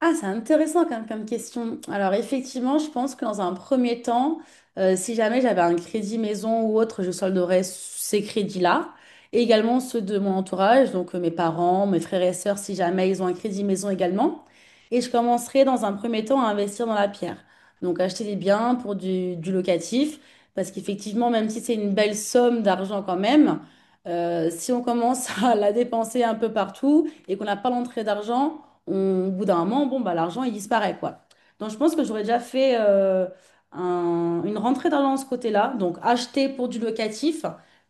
Ah, c'est intéressant quand même comme question. Alors effectivement, je pense que dans un premier temps, si jamais j'avais un crédit maison ou autre, je solderais ces crédits-là. Et également ceux de mon entourage, donc mes parents, mes frères et sœurs, si jamais ils ont un crédit maison également. Et je commencerai dans un premier temps à investir dans la pierre. Donc acheter des biens pour du locatif, parce qu'effectivement, même si c'est une belle somme d'argent quand même, si on commence à la dépenser un peu partout et qu'on n'a pas l'entrée d'argent, au bout d'un moment, bon, bah, l'argent, il disparaît, quoi. Donc, je pense que j'aurais déjà fait une rentrée d'argent de ce côté-là. Donc, acheter pour du locatif,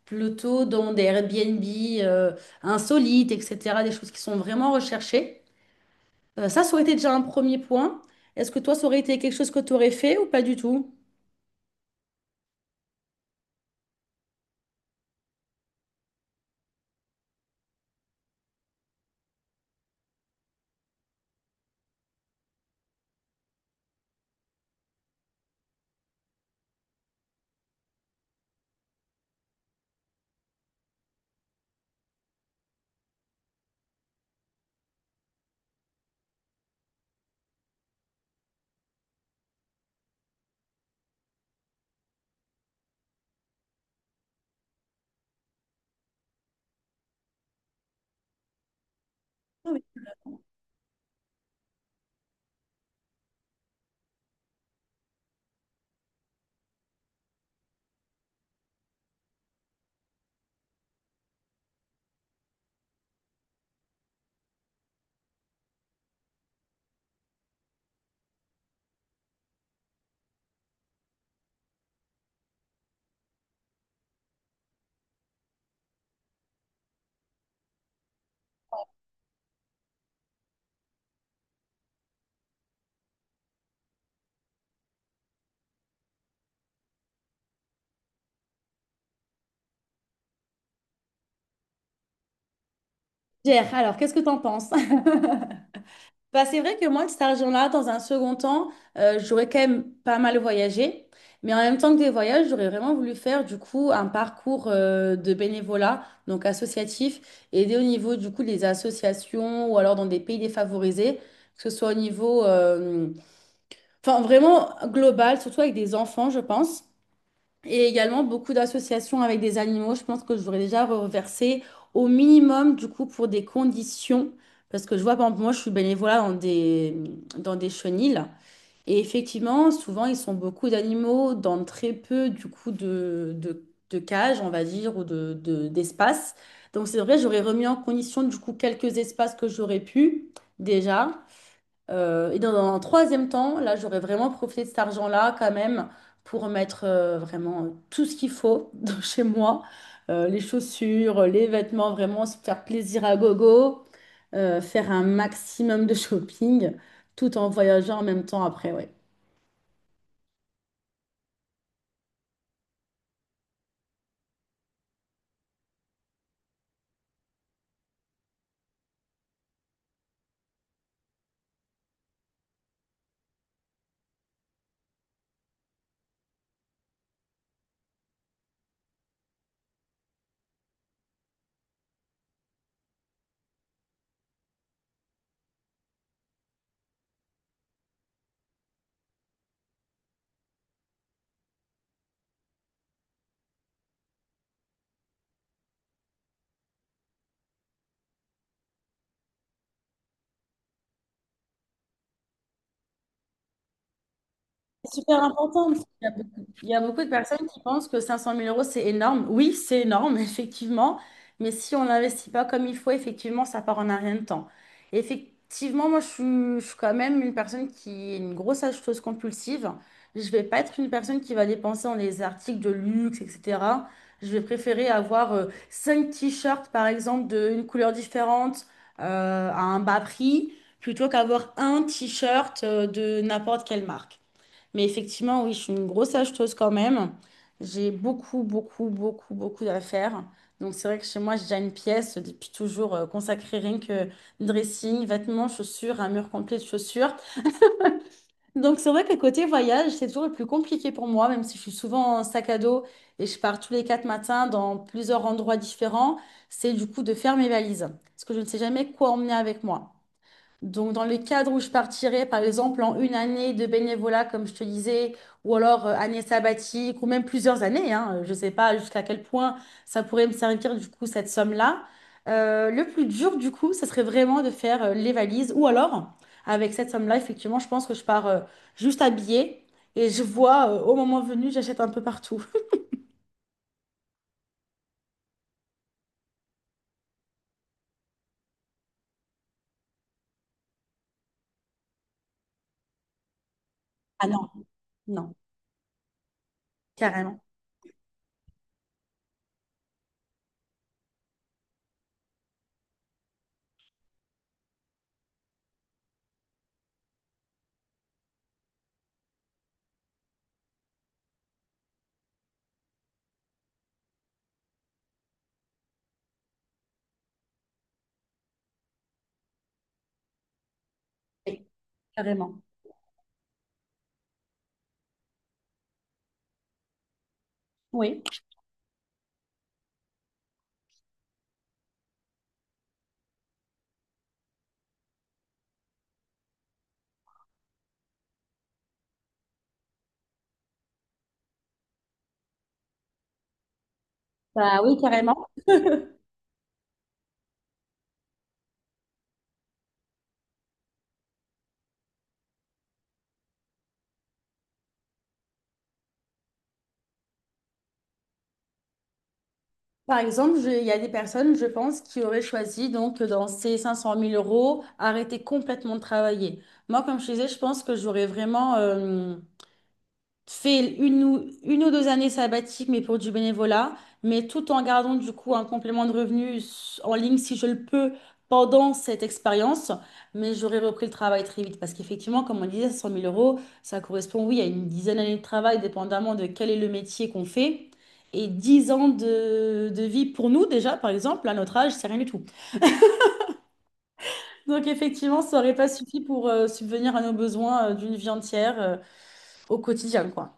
plutôt dans des Airbnb euh, insolites, etc., des choses qui sont vraiment recherchées. Ça, ça aurait été déjà un premier point. Est-ce que toi, ça aurait été quelque chose que tu aurais fait ou pas du tout? Ah oui. Gère, alors, qu'est-ce que tu en penses? Bah, c'est vrai que moi, de cet argent-là, dans un second temps, j'aurais quand même pas mal voyagé. Mais en même temps que des voyages, j'aurais vraiment voulu faire du coup un parcours de bénévolat, donc associatif, aider au niveau du coup des associations ou alors dans des pays défavorisés, que ce soit au niveau, enfin vraiment global, surtout avec des enfants, je pense. Et également beaucoup d'associations avec des animaux. Je pense que j'aurais déjà reversé au minimum, du coup, pour des conditions. Parce que je vois, par exemple, moi, je suis bénévolat dans des chenils. Et effectivement, souvent, ils sont beaucoup d'animaux dans très peu, du coup, de cages, on va dire, ou d'espace. Donc, c'est vrai, j'aurais remis en condition, du coup, quelques espaces que j'aurais pu, déjà. Et dans un troisième temps, là, j'aurais vraiment profité de cet argent-là quand même pour mettre vraiment tout ce qu'il faut chez moi. Les chaussures, les vêtements, vraiment se faire plaisir à gogo, faire un maximum de shopping tout en voyageant en même temps après, ouais. C'est super important, parce qu'il y a beaucoup de personnes qui pensent que 500 000 euros, c'est énorme. Oui, c'est énorme, effectivement. Mais si on n'investit pas comme il faut, effectivement, ça part en un rien de temps. Effectivement, moi, je suis quand même une personne qui est une grosse acheteuse compulsive. Je ne vais pas être une personne qui va dépenser dans les articles de luxe, etc. Je vais préférer avoir cinq t-shirts, par exemple, d'une couleur différente, à un bas prix, plutôt qu'avoir un t-shirt de n'importe quelle marque. Mais effectivement, oui, je suis une grosse acheteuse quand même. J'ai beaucoup, beaucoup, beaucoup, beaucoup d'affaires. Donc c'est vrai que chez moi, j'ai déjà une pièce depuis toujours consacrée rien que dressing, vêtements, chaussures, un mur complet de chaussures. Donc c'est vrai que côté voyage, c'est toujours le plus compliqué pour moi, même si je suis souvent en sac à dos et je pars tous les quatre matins dans plusieurs endroits différents, c'est du coup de faire mes valises. Parce que je ne sais jamais quoi emmener avec moi. Donc, dans les cadres où je partirais, par exemple, en une année de bénévolat, comme je te disais, ou alors année sabbatique, ou même plusieurs années, hein, je ne sais pas jusqu'à quel point ça pourrait me servir, du coup, cette somme-là. Le plus dur, du coup, ça serait vraiment de faire les valises, ou alors, avec cette somme-là, effectivement, je pense que je pars juste habillée et je vois, au moment venu, j'achète un peu partout. Ah non, non, carrément. Oui, carrément. Oui, bah oui, carrément. Par exemple, il y a des personnes, je pense, qui auraient choisi, donc, dans ces 500 000 euros, arrêter complètement de travailler. Moi, comme je disais, je pense que j'aurais vraiment fais une ou deux années sabbatiques, mais pour du bénévolat, mais tout en gardant du coup un complément de revenus en ligne si je le peux pendant cette expérience. Mais j'aurais repris le travail très vite parce qu'effectivement, comme on disait, 100 000 euros, ça correspond, oui, à une dizaine d'années de travail, dépendamment de quel est le métier qu'on fait. Et 10 ans de vie pour nous déjà, par exemple, à notre âge, c'est rien du tout. Donc effectivement, ça n'aurait pas suffi pour subvenir à nos besoins d'une vie entière au quotidien, quoi.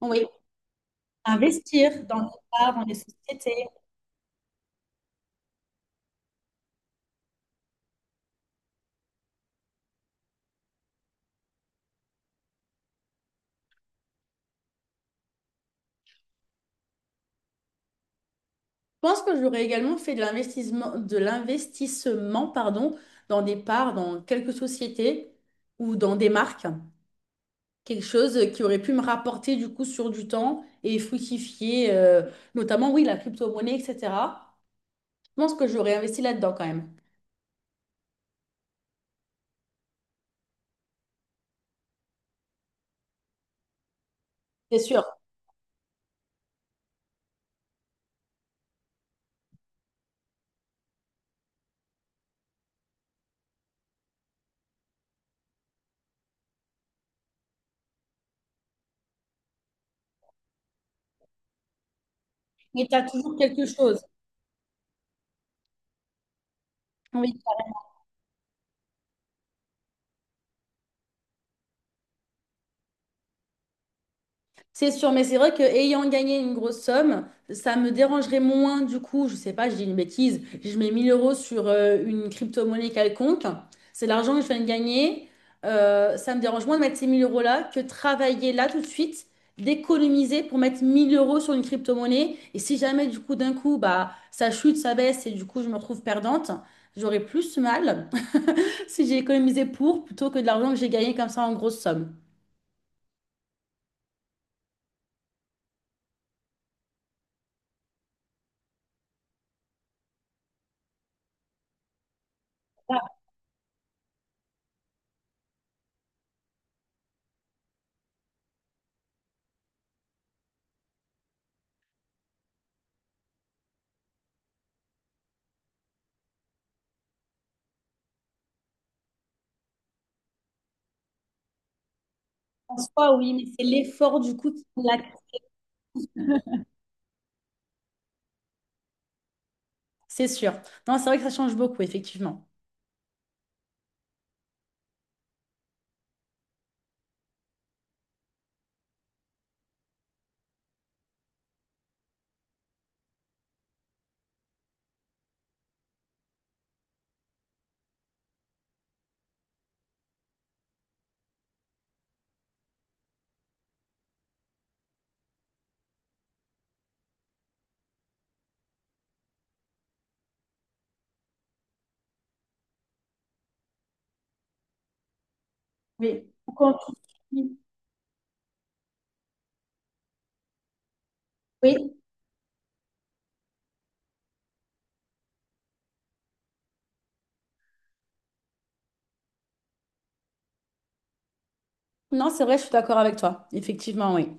Oui. Investir dans les arts, dans les sociétés. Je pense que j'aurais également fait de l'investissement, pardon, dans des parts, dans quelques sociétés ou dans des marques. Quelque chose qui aurait pu me rapporter du coup sur du temps et fructifier, notamment, oui, la crypto-monnaie, etc. Je pense que j'aurais investi là-dedans quand même. C'est sûr. Mais tu as toujours quelque chose. Oui. C'est sûr, mais c'est vrai que ayant gagné une grosse somme, ça me dérangerait moins du coup, je sais pas, je dis une bêtise, je mets 1 000 euros sur une crypto-monnaie quelconque, c'est l'argent que je viens de gagner, ça me dérange moins de mettre ces 1 000 euros là que travailler là tout de suite, d'économiser pour mettre 1 000 euros sur une crypto-monnaie, et si jamais du coup d'un coup, bah, ça chute, ça baisse, et du coup je me retrouve perdante, j'aurais plus mal si j'ai économisé pour plutôt que de l'argent que j'ai gagné comme ça en grosse somme. En soi, oui, mais c'est l'effort du coup qui. C'est sûr. Non, c'est vrai que ça change beaucoup, effectivement. Oui. Quand tu- Oui, non, c'est vrai, je suis d'accord avec toi. Effectivement, oui.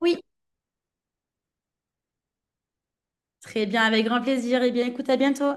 Oui. Très bien, avec grand plaisir. Eh bien, écoute, à bientôt.